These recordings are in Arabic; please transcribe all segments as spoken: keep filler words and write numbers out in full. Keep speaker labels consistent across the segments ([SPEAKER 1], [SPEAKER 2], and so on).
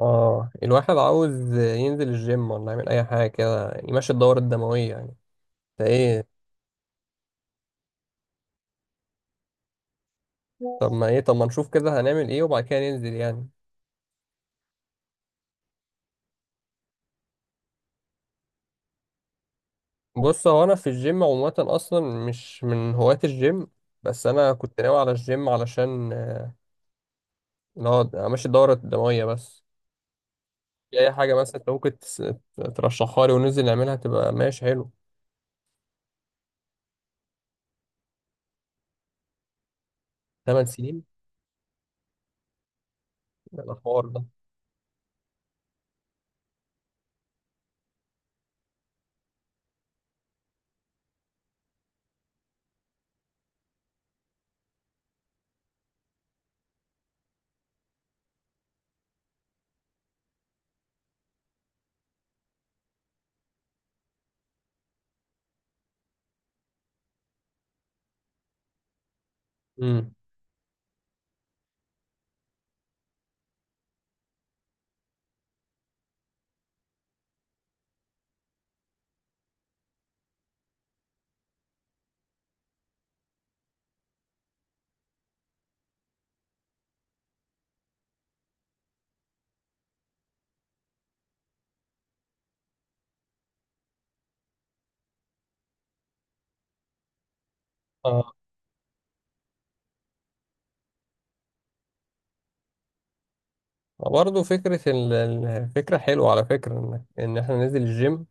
[SPEAKER 1] اه الواحد عاوز ينزل الجيم ولا يعمل اي حاجه كده يعني يمشي الدوره الدمويه يعني فايه. طب ما ايه طب ما نشوف كده هنعمل ايه وبعد كده ننزل يعني. بص هو انا في الجيم عموما اصلا مش من هواة الجيم. بس انا كنت ناوي على الجيم علشان آه، اللي هو امشي الدوره الدمويه بس. في اي حاجه مثلا انت ممكن تس- ترشحها لي وننزل نعملها تبقى ماشي حلو. 8 سنين. ده الحوار ده. امم. اه، برضه فكره ال- ال- الفكره حلوه على فكره انك ان احنا ننزل الجيم.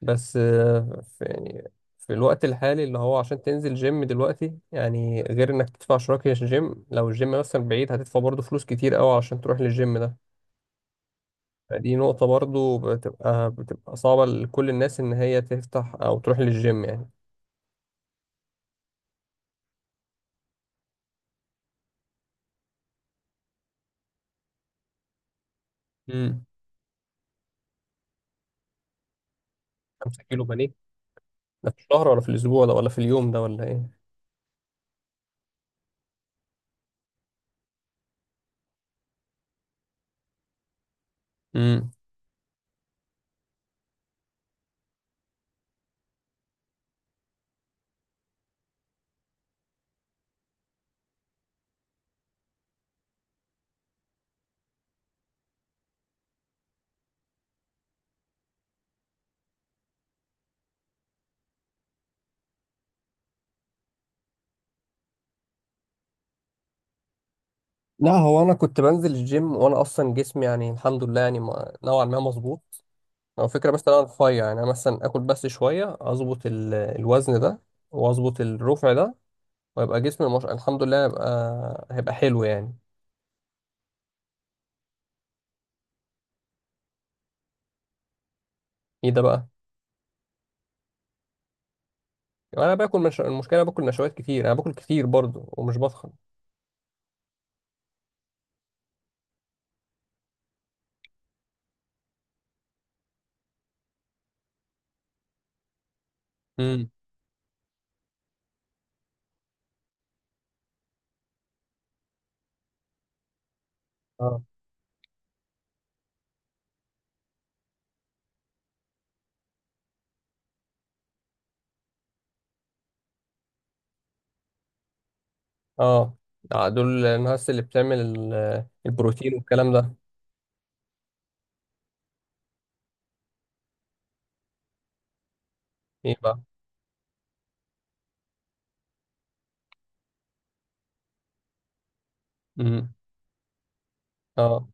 [SPEAKER 1] بس آه، في يعني في الوقت الحالي اللي هو عشان تنزل جيم دلوقتي يعني غير انك تدفع شراكة جيم، لو الجيم مثلا بعيد هتدفع برضه فلوس كتير قوي عشان تروح للجيم ده. فدي نقطة برضه بتبقى بتبقى صعبة لكل الناس ان هي تفتح او تروح للجيم يعني. امم. 5 كيلو بانيه؟ ده في الشهر ولا في الاسبوع ده ولا في اليوم ده ولا ايه؟ امم. لا، هو انا كنت بنزل الجيم وانا اصلا جسمي يعني الحمد لله يعني ما- نوعا ما مظبوط. او فكره بس إن انا رفيع، يعني انا مثلا اكل بس شويه اظبط ال- الوزن ده. واظبط الرفع ده. ويبقى جسمي مش... الحمد لله هيبقى هيبقى حلو يعني. ايه ده بقى؟ يعني انا باكل مش... المشكله باكل نشويات كتير، انا باكل كتير برضو ومش بضخم. امم. اه، اه. آه، دول الناس اللي بتعمل ال- البروتين والكلام ده. ايه بقى؟ امم. اه،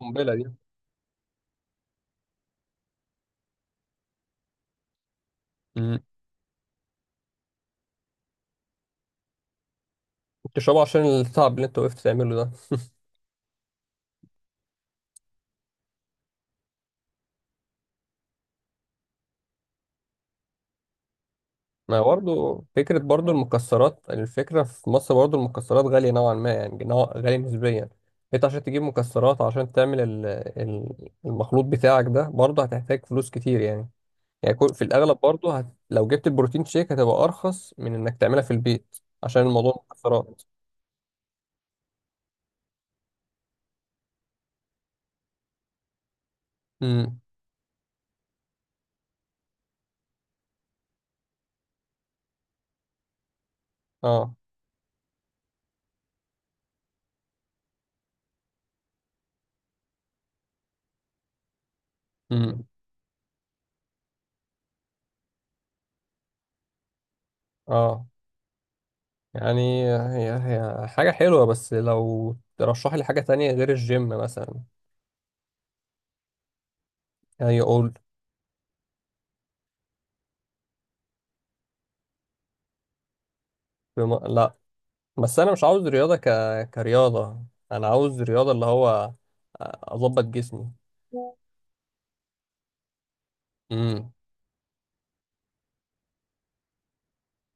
[SPEAKER 1] قنبله دي. امم. بتشربه عشان التعب اللي انت وقفت تعمله ده. ما برضه فكرة، برضه المكسرات، الفكرة في مصر برضه المكسرات غالية نوعا ما، يعني نوع غالية نسبيا. انت عشان تجيب مكسرات عشان تعمل ال- ال- المخلوط بتاعك ده برضه هتحتاج فلوس كتير يعني. يعني كل- في الأغلب برضه هت... لو جبت البروتين شيك هتبقى أرخص من إنك تعملها في البيت، عشان الموضوع مكسرات. امم. اه. امم. اه، يعني هي هي حاجة حلوة، بس لو ترشح لي حاجة تانية غير الجيم مثلا. يعني قول. بم... لا، بس انا مش عاوز رياضه ك... كرياضه. انا عاوز رياضه اللي هو آه، اظبط جسمي. امم.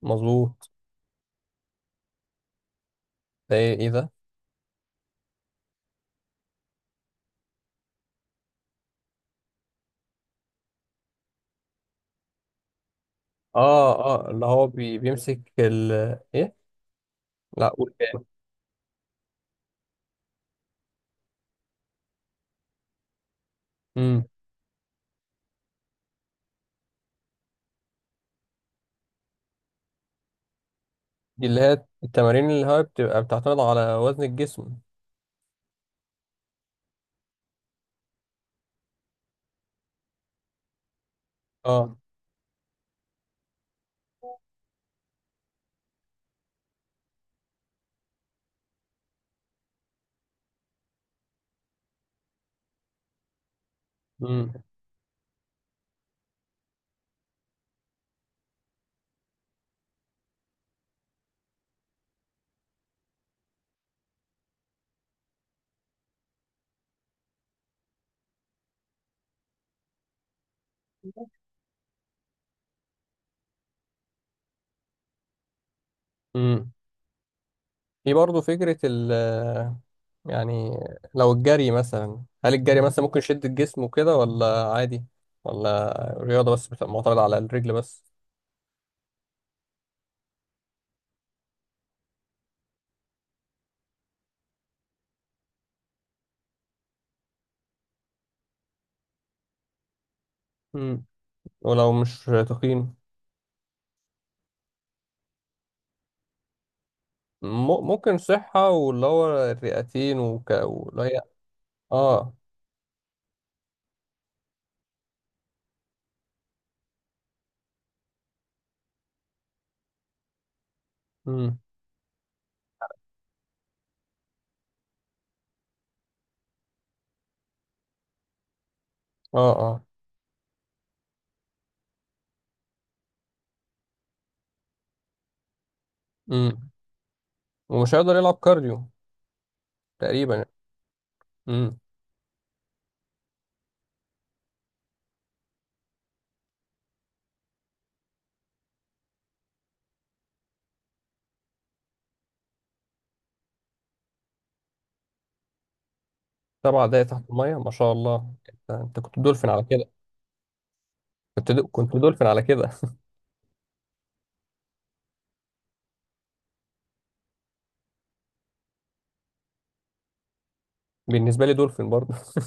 [SPEAKER 1] مظبوط. ده ايه؟ إيه ده؟ اه، اه، اللي هو بي... بيمسك ال ايه. لا، قول ايه. امم. دي اللي هي التمارين اللي هي بتبقى بتعتمد على وزن الجسم. اه. امم. امم. في برضه فكره ال يعني، لو الجري مثلا هل الجري مثلا ممكن يشد الجسم وكده ولا عادي؟ ولا رياضه بس بتبقى معتمده على الرجل بس؟ امم. ولو مش تقييم. م- ممكن صحة واللي هو الرئتين وك... واللي هي. اه. امم. اه. اه. امم. ومش هيقدر يلعب كارديو تقريبا. امم. سبع دقايق تحت المية، ما شاء الله، انت أنت كنت دولفين على كده. كنت دو... كنت دولفين على كده. بالنسبة لي دولفين برضه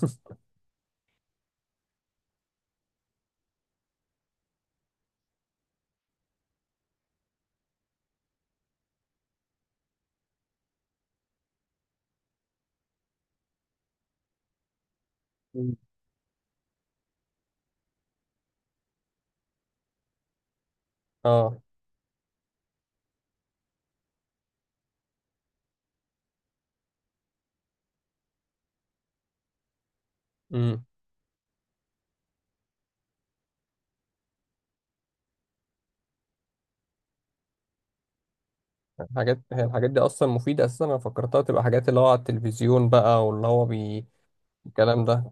[SPEAKER 1] مم. اه. امم. الحاجات هي الحاجات دي اصلا مفيدة اساسا، انا فكرتها تبقى حاجات اللي هو على التلفزيون بقى واللي هو بي... الكلام ده.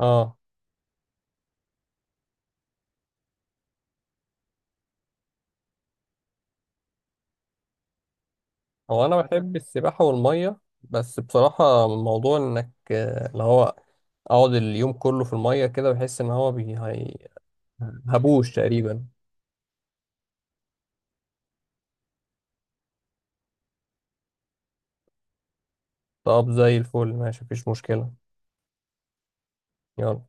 [SPEAKER 1] اه. هو انا بحب السباحه والميه، بس بصراحه موضوع انك آه، اللي هو اقعد اليوم كله في الميه كده بحس ان هو بي هي- هبوش تقريبا. طب زي الفل، ماشي، مفيش مشكله. يلا.